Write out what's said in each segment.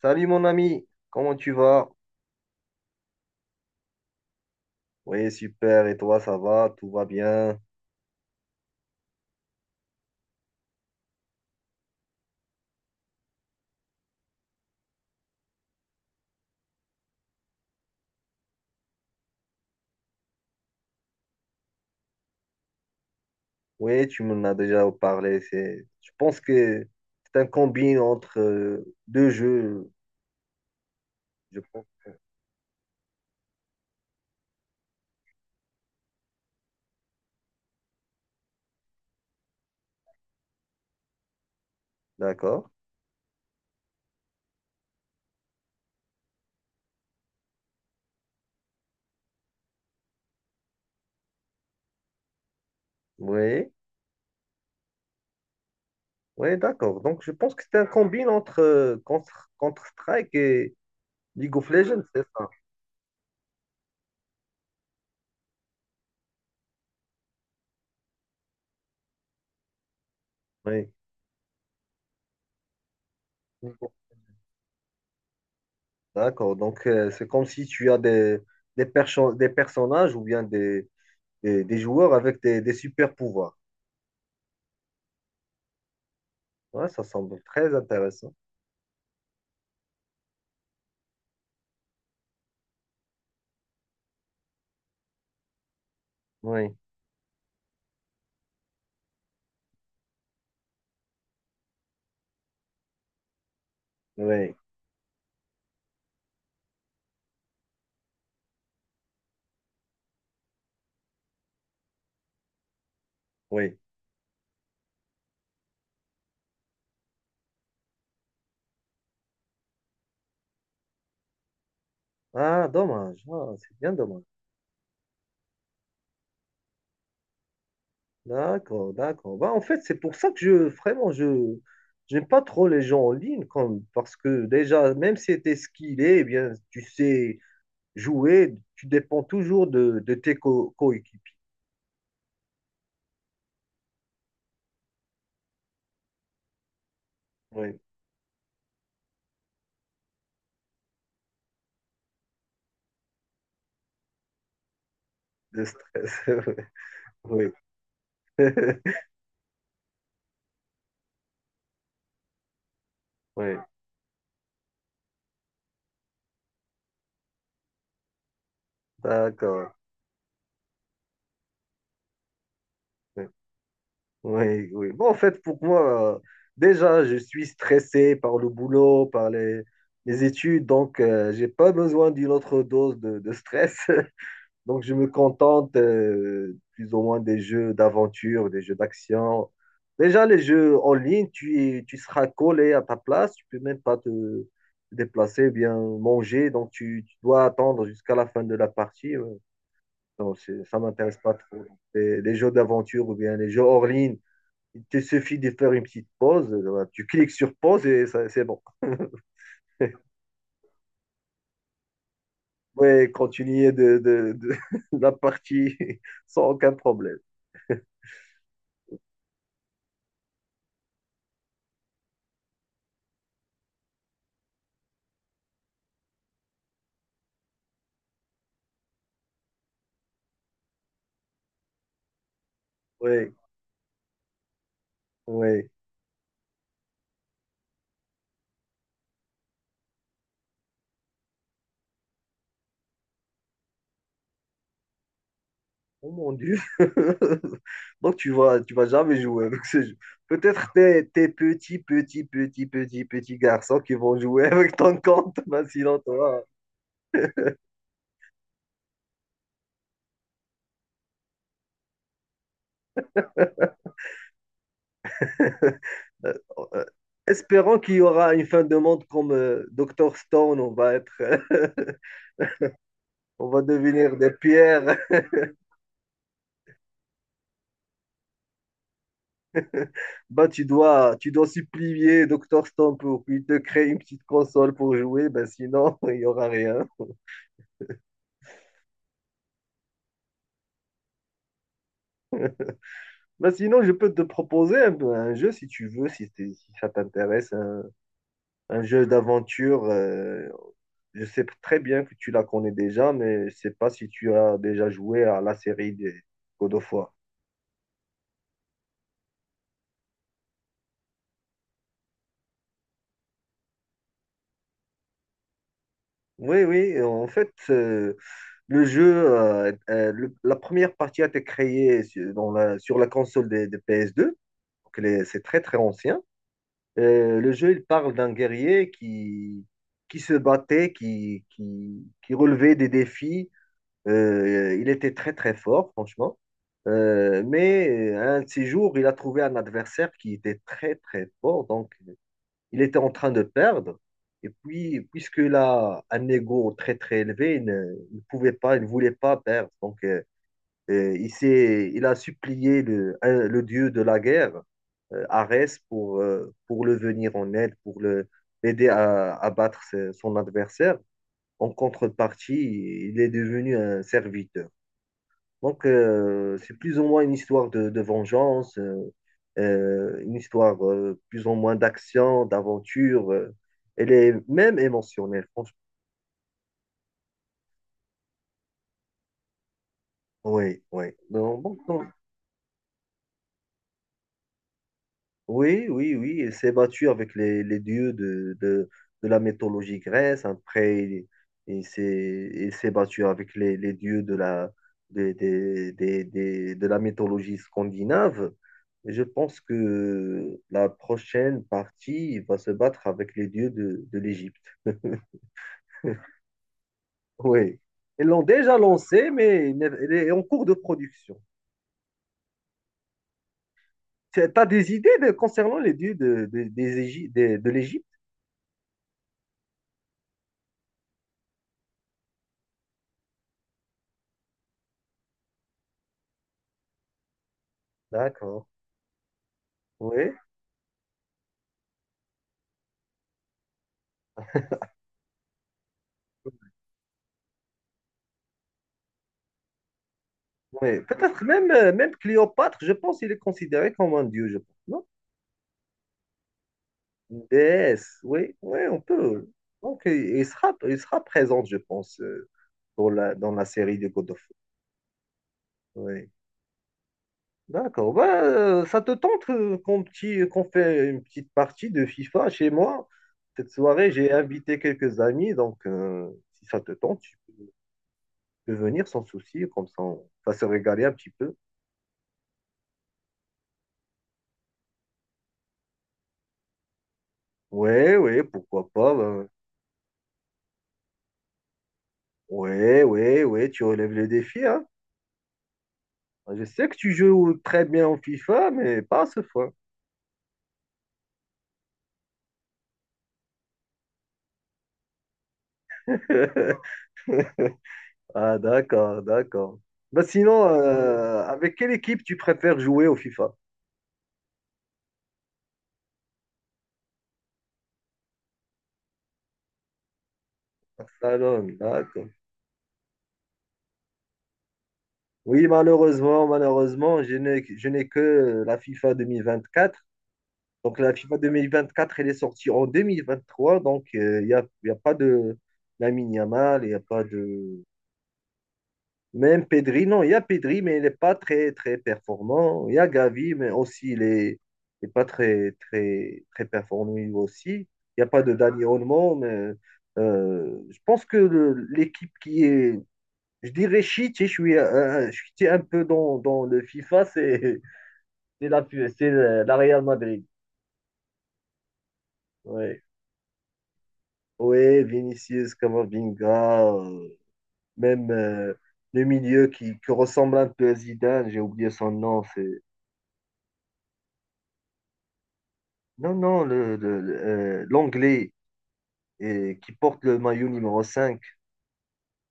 Salut mon ami, comment tu vas? Oui, super, et toi, ça va? Tout va bien? Oui, tu m'en as déjà parlé. C'est, je pense que c'est un combine entre deux jeux, je pense. D'accord? Oui, oui, d'accord. Donc, je pense que c'est un combine entre Counter-Strike et League of Legends, c'est ça? Oui. D'accord. Donc, c'est comme si tu as des personnages ou bien des joueurs avec des super pouvoirs. Ouais, ça semble très intéressant. Oui, oui, oui. Ah, dommage. Ah, c'est bien dommage. D'accord, d'accord. Bah, en fait, c'est pour ça que vraiment, j'aime pas trop les gens en ligne, comme, parce que déjà, même si tu es skillé, eh bien, tu sais jouer, tu dépends toujours de tes coéquipiers. Oui, de stress. Oui, oui, oui. D'accord. Ouais. Oui, oui. Bon, en fait, pour moi, déjà, je suis stressé par le boulot, par les études, donc j'ai pas besoin d'une autre dose de stress. Donc, je me contente plus ou moins des jeux d'aventure, des jeux d'action. Déjà, les jeux en ligne, tu seras collé à ta place, tu peux même pas te déplacer, bien manger, donc tu dois attendre jusqu'à la fin de la partie. Ouais. Donc, ça m'intéresse pas trop. Les jeux d'aventure ou bien les jeux hors ligne il te suffit de faire une petite pause, tu cliques sur pause et c'est bon. Ouais, continuer de la partie sans aucun problème. Ouais, ouais. Oh mon Dieu. Donc tu vas jamais jouer avec ce jeu. Peut-être tes petits, petits, petits, petits, petits garçons qui vont jouer avec ton compte, mais sinon toi. Euh, euh, Espérons qu'il y aura une fin de monde comme Docteur Stone. On va être, on va devenir des pierres. Bah, tu dois supplier Docteur Stone pour qu'il te crée une petite console pour jouer. Bah, sinon, il y aura rien. Bah, sinon, je peux te proposer un jeu si tu veux, si ça t'intéresse, un jeu d'aventure. Je sais très bien que tu la connais déjà, mais je sais pas si tu as déjà joué à la série des God of War. Oui, oui, en fait, le jeu, la première partie a été créée sur la console des PS2. Donc c'est très très ancien. Le jeu, il parle d'un guerrier qui se battait, qui relevait des défis. Il était très très fort, franchement. Mais un de ces jours, il a trouvé un adversaire qui était très très fort. Donc il était en train de perdre. Et puis, puisqu'il a un ego très très élevé, il pouvait pas, il ne voulait pas perdre. Donc, il a supplié le dieu de la guerre, Arès, pour le venir en aide, l'aider à battre son adversaire. En contrepartie, il est devenu un serviteur. Donc, c'est plus ou moins une histoire de vengeance, une histoire plus ou moins d'action, d'aventure. Elle est même émotionnelle, franchement. Oui, oui. Donc, bon. Oui, oui, oui, il s'est battu avec les dieux de la mythologie grecque. Après, il s'est battu avec les dieux de la, des- de la mythologie scandinave. Et je pense que la prochaine partie il va se battre avec les dieux de l'Égypte. Oui, ils l'ont déjà lancé, mais il n'est- elle est en cours de production. Tu as des idées concernant les dieux de, des Égy- des- de l'Égypte? D'accord. Oui. Oui, peut-être même, même Cléopâtre, je pense qu'il est considéré comme un dieu, je pense, non? Une déesse, oui, oui, on peut. Donc, il sera présent, je pense, dans la série de God of War. Oui. D'accord. Bah, ça te tente qu'on fait une petite partie de FIFA chez moi? Cette soirée, j'ai invité quelques amis, donc si ça te tente, tu peux venir sans souci, comme ça on va se régaler un petit peu. Oui, oui, pourquoi pas. Bah. Oui, oui, oui, tu relèves le défi, hein. Je sais que tu joues très bien au FIFA, mais pas à ce fois. Ah, d'accord, d'accord. Bah, sinon, avec quelle équipe tu préfères jouer au FIFA? Barcelone, d'accord. Oui, malheureusement, je n'ai que la FIFA 2024. Donc, la FIFA 2024, elle est sortie en 2023. Donc, il y a pas de Lamine Yamal, il n'y a pas de. Même Pedri, non, il y a Pedri, mais il n'est pas très, très performant. Il y a Gavi, mais aussi, il est pas très, très, très performant lui aussi. Il n'y a pas de Dani Olmo, mais je pense que l'équipe qui est, je dirais shit, je suis un peu dans le FIFA, c'est la, c'est la Real Madrid. Ouais. Ouais, Vinicius, Camavinga, même le milieu qui ressemble un peu à Zidane, j'ai oublié son nom, c'est. Non, non, l'anglais qui porte le maillot numéro 5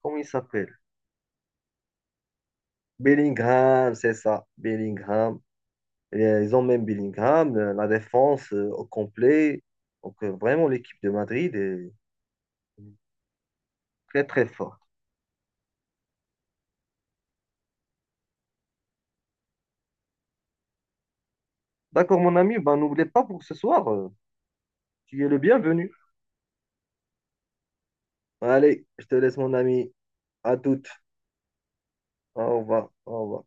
comment il s'appelle? Bellingham, c'est ça, Bellingham. Et, ils ont même Bellingham, la défense au complet. Donc, vraiment, l'équipe de Madrid est très, très forte. D'accord, mon ami, ben, n'oublie pas pour ce soir, tu es le bienvenu. Allez, je te laisse, mon ami. À toutes. Au revoir. Au revoir.